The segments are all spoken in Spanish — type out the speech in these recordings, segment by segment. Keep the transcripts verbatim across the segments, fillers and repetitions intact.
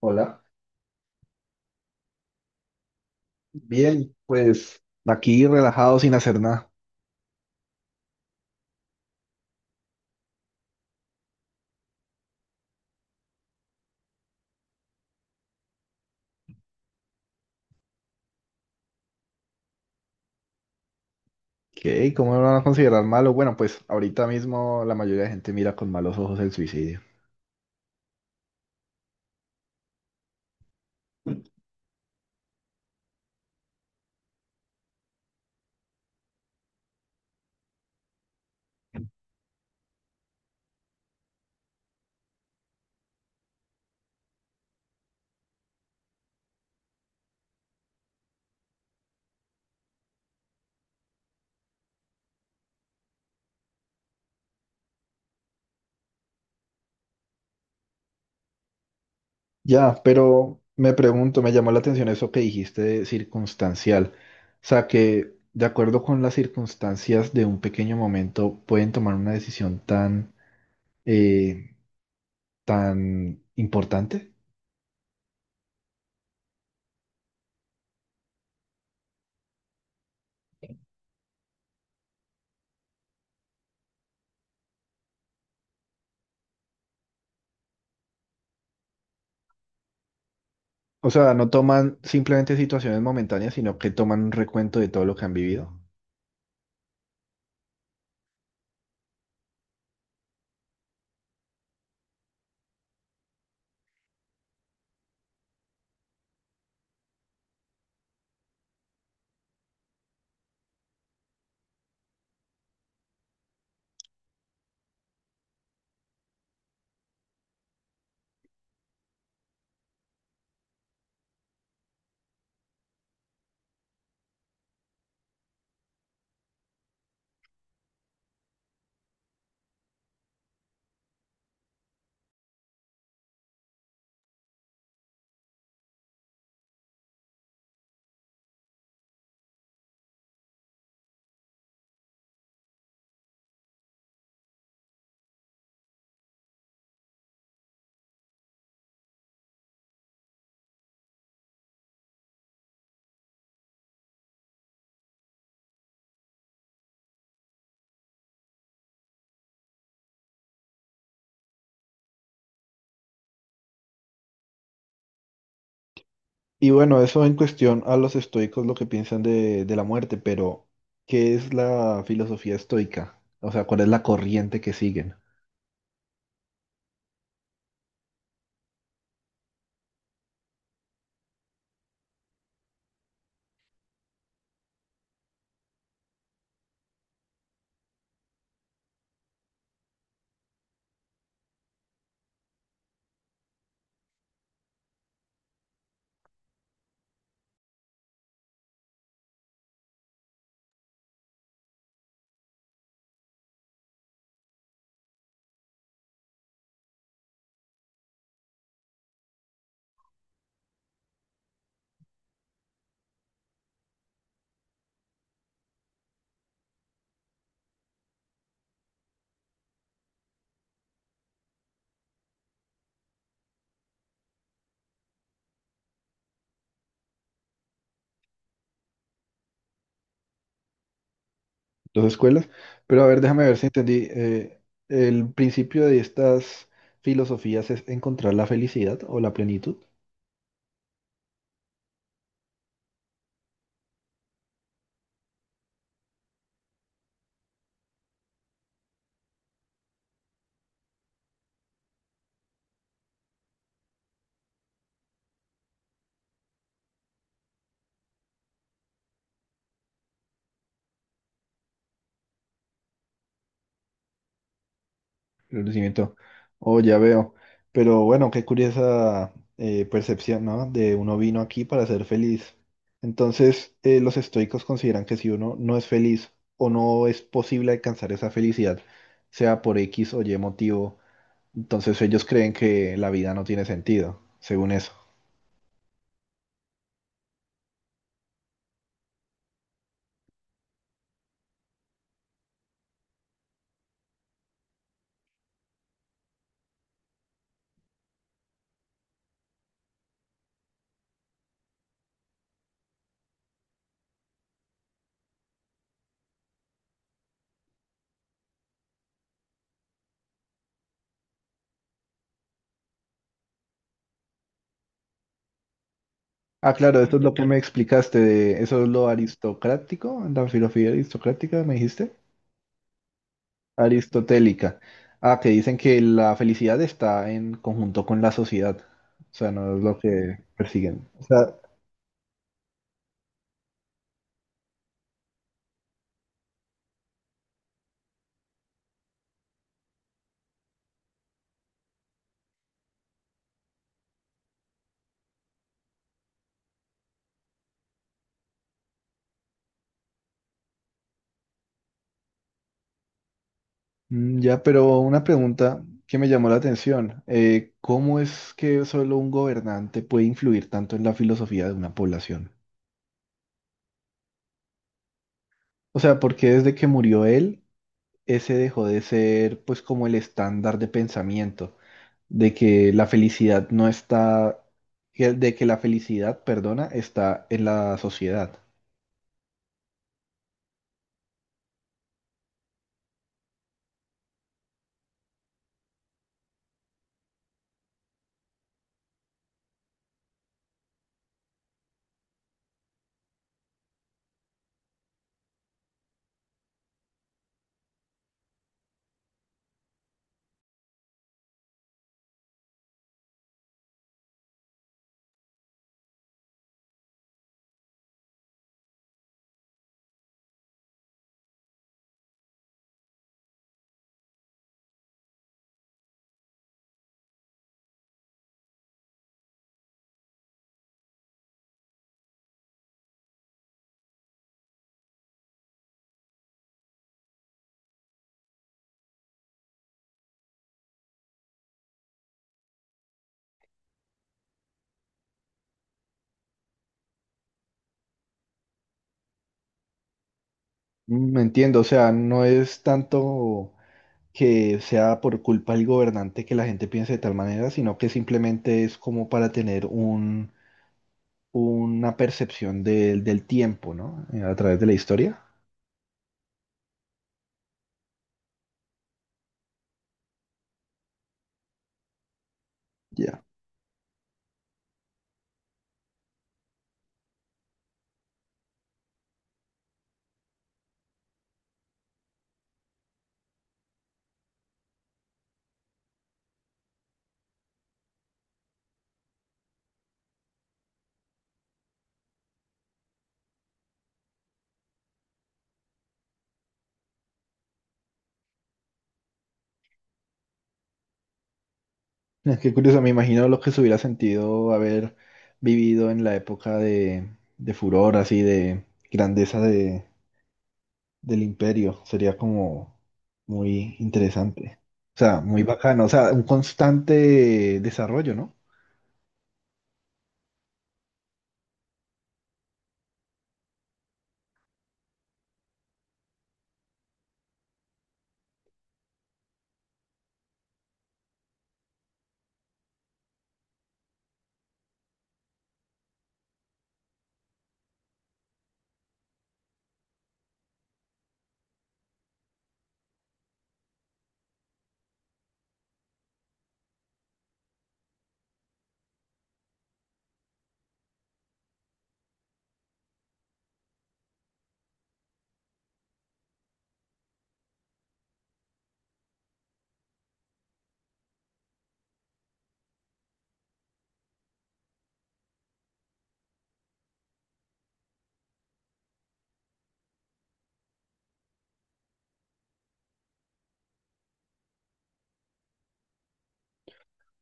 Hola. Bien, pues aquí relajado sin hacer nada. ¿Qué? ¿Cómo lo van a considerar malo? Bueno, pues ahorita mismo la mayoría de gente mira con malos ojos el suicidio. Ya, pero me pregunto, me llamó la atención eso que dijiste de circunstancial. O sea, que de acuerdo con las circunstancias de un pequeño momento pueden tomar una decisión tan, eh, tan importante. O sea, no toman simplemente situaciones momentáneas, sino que toman un recuento de todo lo que han vivido. Y bueno, eso en cuestión a los estoicos lo que piensan de, de la muerte, pero ¿qué es la filosofía estoica? O sea, ¿cuál es la corriente que siguen? Dos escuelas. Pero a ver, déjame ver si entendí. Eh, el principio de estas filosofías es encontrar la felicidad o la plenitud. Reconocimiento. Oh, ya veo. Pero bueno, qué curiosa eh, percepción, ¿no? De uno vino aquí para ser feliz. Entonces, eh, los estoicos consideran que si uno no es feliz o no es posible alcanzar esa felicidad, sea por X o Y motivo, entonces ellos creen que la vida no tiene sentido, según eso. Ah, claro, esto es Mm, lo que claro. me explicaste de eso es lo aristocrático, la filosofía aristocrática, me dijiste. Aristotélica. Ah, que dicen que la felicidad está en conjunto con la sociedad. O sea, no es lo que persiguen. O sea, mm, ya, pero una pregunta que me llamó la atención. Eh, ¿cómo es que solo un gobernante puede influir tanto en la filosofía de una población? O sea, ¿por qué desde que murió él, ese dejó de ser pues como el estándar de pensamiento? De que la felicidad no está, que- de que la felicidad, perdona, está en la sociedad. Mm, entiendo, o sea, no es tanto que sea por culpa del gobernante que la gente piense de tal manera, sino que simplemente es como para tener un, una percepción del del tiempo, ¿no? Eh, a través de la historia. Ya. Es que curioso, me imagino lo que se hubiera sentido haber vivido en la época de, de furor, así de grandeza de, del imperio. Sería como muy interesante. O sea, muy bacano. O sea, un constante desarrollo, ¿no?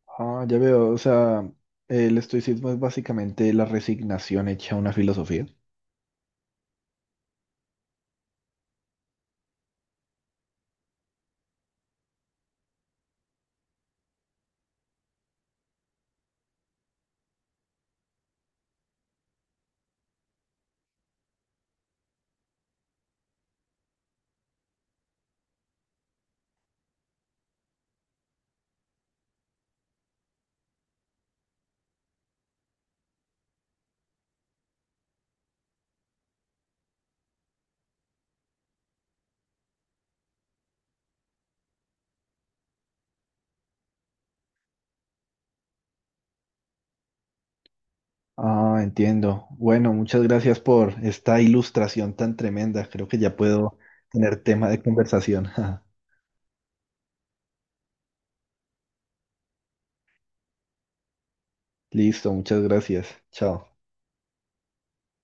Ah, ya veo, o sea, el estoicismo es básicamente la resignación hecha una filosofía. Ah, entiendo. Bueno, muchas gracias por esta ilustración tan tremenda. Creo que ya puedo tener tema de conversación. Listo, muchas gracias. Chao.